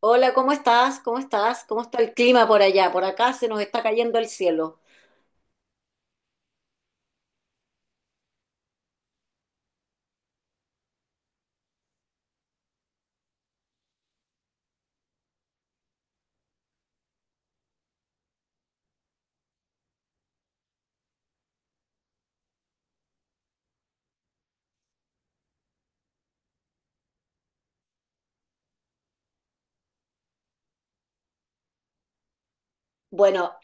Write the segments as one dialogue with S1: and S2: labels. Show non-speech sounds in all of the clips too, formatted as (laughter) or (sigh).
S1: Hola, ¿cómo estás? ¿Cómo estás? ¿Cómo está el clima por allá? Por acá se nos está cayendo el cielo. Bueno,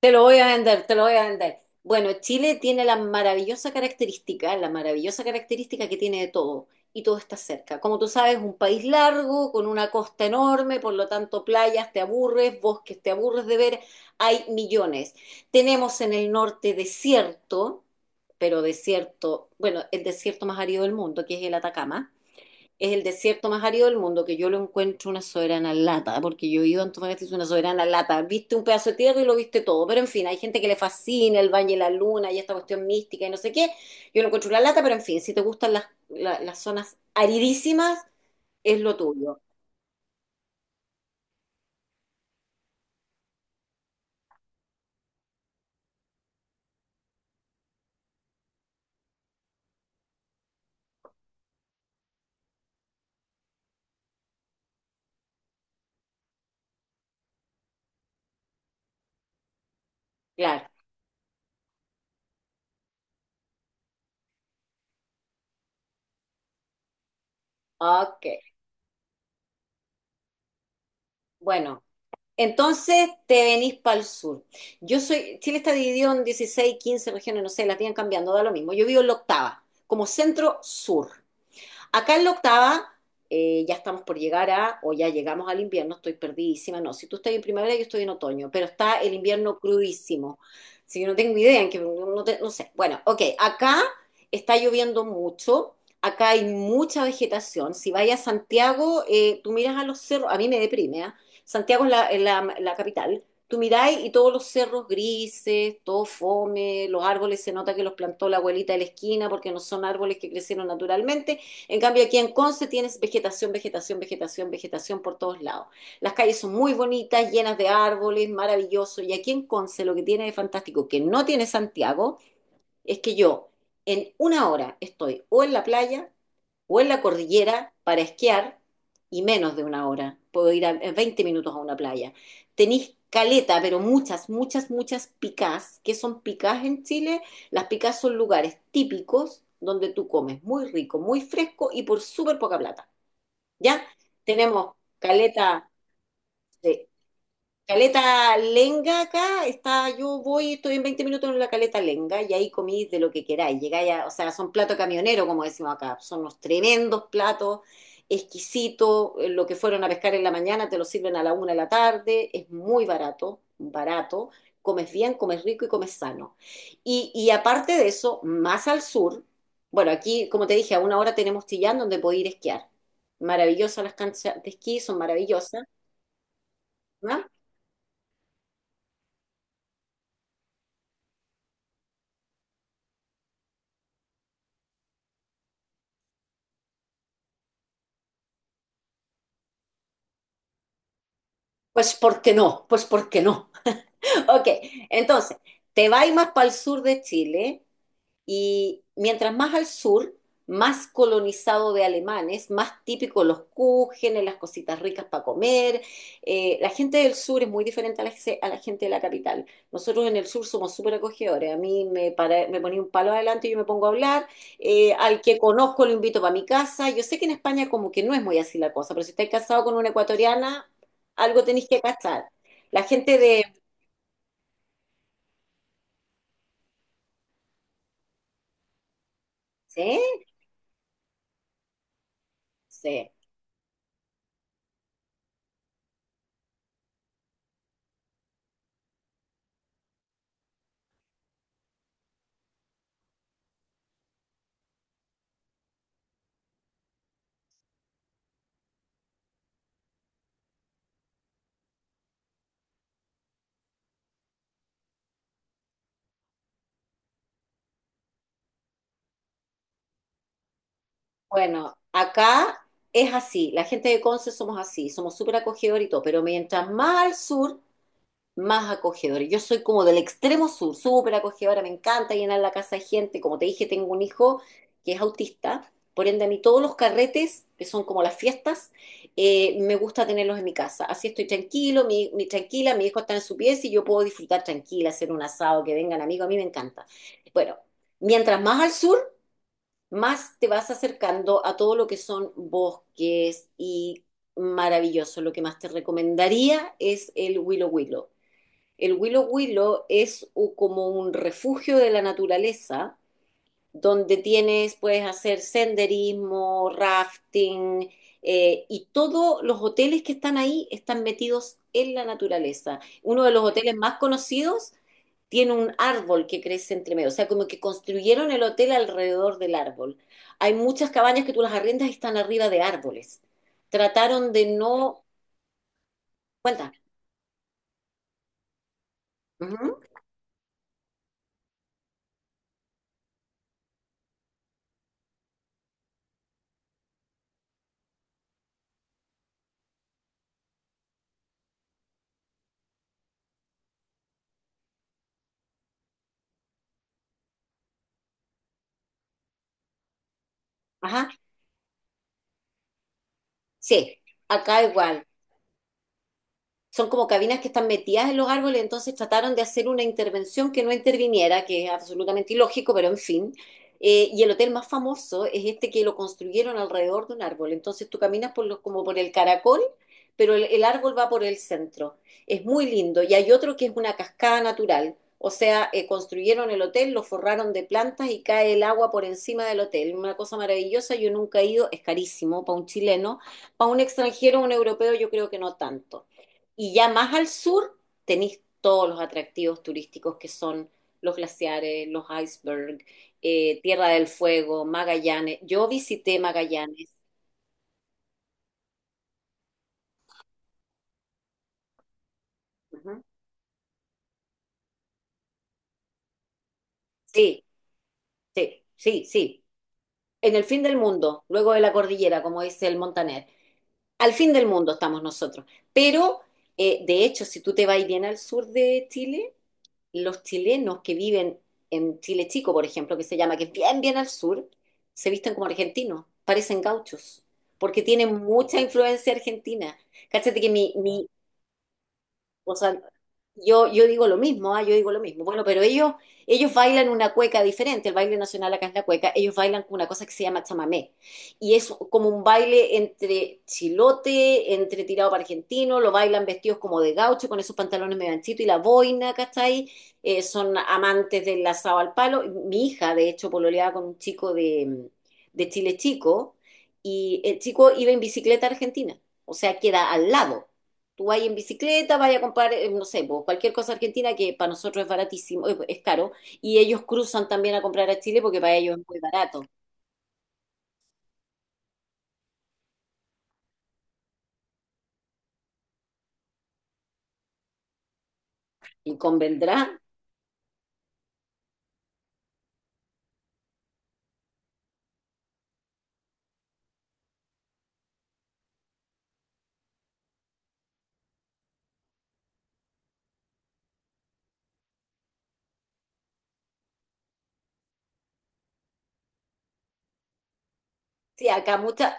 S1: te lo voy a vender, te lo voy a vender. Bueno, Chile tiene la maravillosa característica que tiene de todo y todo está cerca. Como tú sabes, un país largo, con una costa enorme, por lo tanto playas te aburres, bosques te aburres de ver, hay millones. Tenemos en el norte desierto, pero desierto, bueno, el desierto más árido del mundo, que es el Atacama. Es el desierto más árido del mundo, que yo lo encuentro una soberana lata, porque yo he ido a Antofagasta, es una soberana lata. Viste un pedazo de tierra y lo viste todo, pero en fin, hay gente que le fascina el Valle de la Luna y esta cuestión mística y no sé qué. Yo lo encuentro una lata, pero en fin, si te gustan las zonas aridísimas, es lo tuyo. Claro. Ok. Bueno, entonces te venís para el sur. Yo soy, Chile está dividido en 16 15 regiones, no sé, las tienen cambiando, da lo mismo. Yo vivo en la octava, como centro sur. Acá en la octava ya estamos por llegar a, o ya llegamos al invierno, estoy perdidísima. No, si tú estás en primavera, yo estoy en otoño, pero está el invierno crudísimo. Si yo no tengo idea, en que no, no sé. Bueno, ok, acá está lloviendo mucho. Acá hay mucha vegetación. Si vayas a Santiago, tú miras a los cerros, a mí me deprime, ¿ah? Santiago es la capital. Tú miráis y todos los cerros grises, todo fome, los árboles se nota que los plantó la abuelita de la esquina porque no son árboles que crecieron naturalmente. En cambio, aquí en Conce tienes vegetación, vegetación, vegetación, vegetación por todos lados. Las calles son muy bonitas, llenas de árboles, maravilloso. Y aquí en Conce lo que tiene de fantástico, que no tiene Santiago, es que yo en una hora estoy o en la playa o en la cordillera para esquiar y menos de una hora. Puedo ir en 20 minutos a una playa. Tenéis caleta, pero muchas, muchas, muchas picás. ¿Qué son picás en Chile? Las picás son lugares típicos donde tú comes muy rico, muy fresco y por súper poca plata. ¿Ya? Tenemos caleta, sí, Caleta Lenga acá, está, yo voy, estoy en 20 minutos en la Caleta Lenga y ahí comí de lo que queráis. Llegáis a, o sea, son platos camioneros, como decimos acá, son unos tremendos platos, exquisitos, lo que fueron a pescar en la mañana te lo sirven a la una de la tarde, es muy barato, barato, comes bien, comes rico y comes sano. Y aparte de eso, más al sur, bueno, aquí, como te dije, a una hora tenemos Chillán donde puedo ir a esquiar. Maravillosas las canchas de esquí, son maravillosas, ¿no? Pues ¿por qué no? Pues ¿por qué no? (laughs) Ok, entonces, te vas más para el sur de Chile, y mientras más al sur, más colonizado de alemanes, más típico los kuchenes, las cositas ricas para comer. La gente del sur es muy diferente a la gente de la capital. Nosotros en el sur somos súper acogedores. A mí me, para, me ponía un palo adelante y yo me pongo a hablar. Al que conozco lo invito para mi casa. Yo sé que en España como que no es muy así la cosa, pero si estáis casado con una ecuatoriana, algo tenéis que cachar. La gente de... ¿sí? Sí. Bueno, acá es así, la gente de Conce somos así, somos súper acogedor y todo, pero mientras más al sur, más acogedor. Yo soy como del extremo sur, súper acogedora, me encanta llenar la casa de gente. Como te dije, tengo un hijo que es autista, por ende a mí todos los carretes, que son como las fiestas, me gusta tenerlos en mi casa. Así estoy tranquilo, tranquila, mi hijo está en su pieza y yo puedo disfrutar tranquila, hacer un asado, que vengan amigos, a mí me encanta. Bueno, mientras más al sur más te vas acercando a todo lo que son bosques y maravilloso. Lo que más te recomendaría es el Willow Willow. El Willow Willow es como un refugio de la naturaleza donde tienes, puedes hacer senderismo, rafting, y todos los hoteles que están ahí están metidos en la naturaleza. Uno de los hoteles más conocidos tiene un árbol que crece entre medio, o sea, como que construyeron el hotel alrededor del árbol. Hay muchas cabañas que tú las arriendas y están arriba de árboles. Trataron de no... Cuenta. Ujú. Ajá. Sí, acá igual. Son como cabinas que están metidas en los árboles, entonces trataron de hacer una intervención que no interviniera, que es absolutamente ilógico, pero en fin. Y el hotel más famoso es este que lo construyeron alrededor de un árbol, entonces tú caminas por los, como por el caracol, pero el árbol va por el centro. Es muy lindo. Y hay otro que es una cascada natural, o sea, construyeron el hotel, lo forraron de plantas y cae el agua por encima del hotel. Una cosa maravillosa, yo nunca he ido, es carísimo para un chileno, para un extranjero, un europeo, yo creo que no tanto. Y ya más al sur tenéis todos los atractivos turísticos que son los glaciares, los icebergs, Tierra del Fuego, Magallanes. Yo visité Magallanes. Ujú. Sí, sí, sí, sí. En el fin del mundo, luego de la cordillera, como dice el Montaner. Al fin del mundo estamos nosotros. Pero, de hecho, si tú te vas bien al sur de Chile, los chilenos que viven en Chile Chico, por ejemplo, que se llama, que es bien, bien al sur, se visten como argentinos, parecen gauchos, porque tienen mucha influencia argentina. Cáchate que mi o sea, yo digo lo mismo, yo digo lo mismo. Bueno, pero ellos bailan una cueca diferente, el baile nacional acá es la cueca, ellos bailan con una cosa que se llama chamamé. Y es como un baile entre chilote, entre tirado para argentino, lo bailan vestidos como de gaucho, con esos pantalones medio anchitos y la boina, ¿cachai? Son amantes del asado al palo. Mi hija, de hecho, pololeaba con un chico de Chile Chico, y el chico iba en bicicleta a Argentina, o sea, queda al lado. Tú vas en bicicleta, vas a comprar, no sé, pues, cualquier cosa argentina que para nosotros es baratísimo, es caro, y ellos cruzan también a comprar a Chile porque para ellos es muy barato. Y convendrá, sí, acá muchas,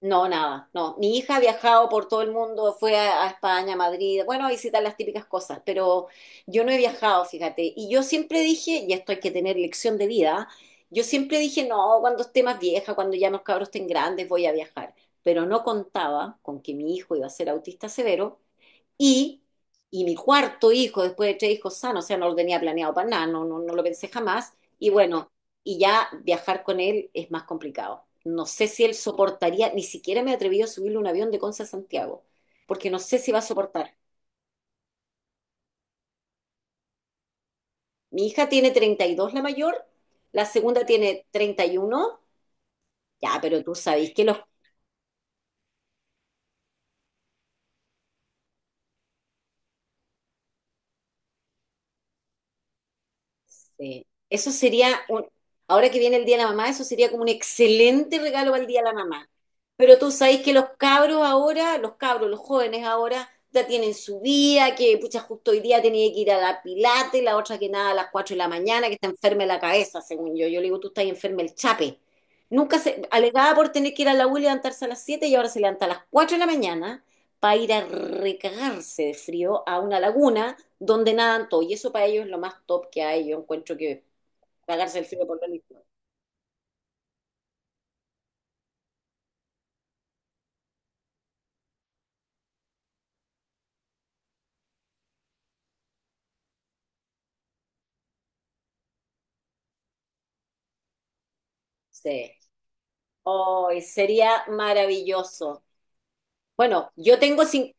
S1: no, nada, no. Mi hija ha viajado por todo el mundo, fue a España, a Madrid, bueno, a visitar las típicas cosas, pero yo no he viajado, fíjate. Y yo siempre dije, y esto hay que tener lección de vida, ¿ah? Yo siempre dije, no, cuando esté más vieja, cuando ya los cabros estén grandes, voy a viajar. Pero no contaba con que mi hijo iba a ser autista severo. Y, y mi cuarto hijo, después de tres hijos sanos, o sea, no lo tenía planeado para nada, no, no, no lo pensé jamás. Y bueno, y ya viajar con él es más complicado. No sé si él soportaría, ni siquiera me he atrevido a subirle un avión de Conce a Santiago, porque no sé si va a soportar. Mi hija tiene 32 la mayor, la segunda tiene 31 ya, pero tú sabes que los. Sí. Eso sería un, ahora que viene el Día de la Mamá, eso sería como un excelente regalo para el Día de la Mamá. Pero tú sabes que los cabros ahora, los cabros, los jóvenes ahora, ya tienen su día, que pucha, justo hoy día tenía que ir a la pilate, la otra que nada a las 4 de la mañana, que está enferma de la cabeza, según yo. Yo le digo, tú estás enferma el chape. Nunca se, alegaba por tener que ir a la U y levantarse a las 7 y ahora se levanta a las 4 de la mañana para ir a recagarse de frío a una laguna donde nadan todo. Y eso para ellos es lo más top que hay. Yo encuentro que pagarse el frío por lo listo. Sí. Hoy sería maravilloso. Bueno, yo tengo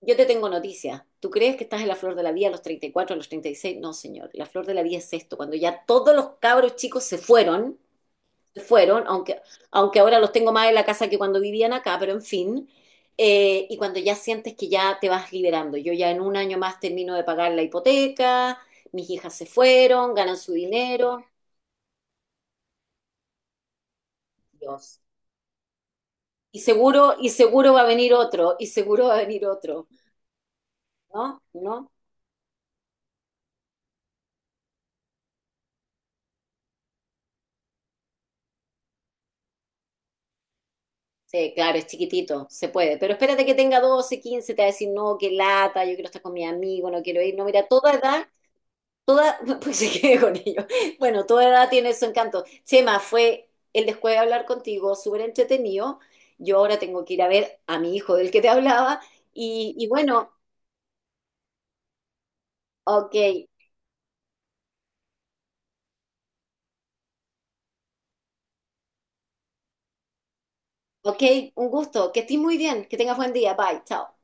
S1: yo te tengo noticias. ¿Tú crees que estás en la flor de la vida a los 34 a los 36? No, señor. La flor de la vida es esto, cuando ya todos los cabros chicos se fueron, aunque ahora los tengo más en la casa que cuando vivían acá, pero en fin. Y cuando ya sientes que ya te vas liberando, yo ya en un año más termino de pagar la hipoteca, mis hijas se fueron, ganan su dinero, Dios. Y seguro va a venir otro, y seguro va a venir otro, ¿no? ¿No? Sí, claro, es chiquitito, se puede, pero espérate que tenga 12 15 te va a decir, no, qué lata, yo quiero estar con mi amigo, no quiero ir, no, mira, a toda edad. Toda, (laughs) pues se quede con ello. Bueno, toda edad tiene su encanto. Chema, fue el después de hablar contigo, súper entretenido. Yo ahora tengo que ir a ver a mi hijo del que te hablaba. Y bueno, ok, ok, un gusto. Que estés muy bien, que tengas buen día. Bye, chao.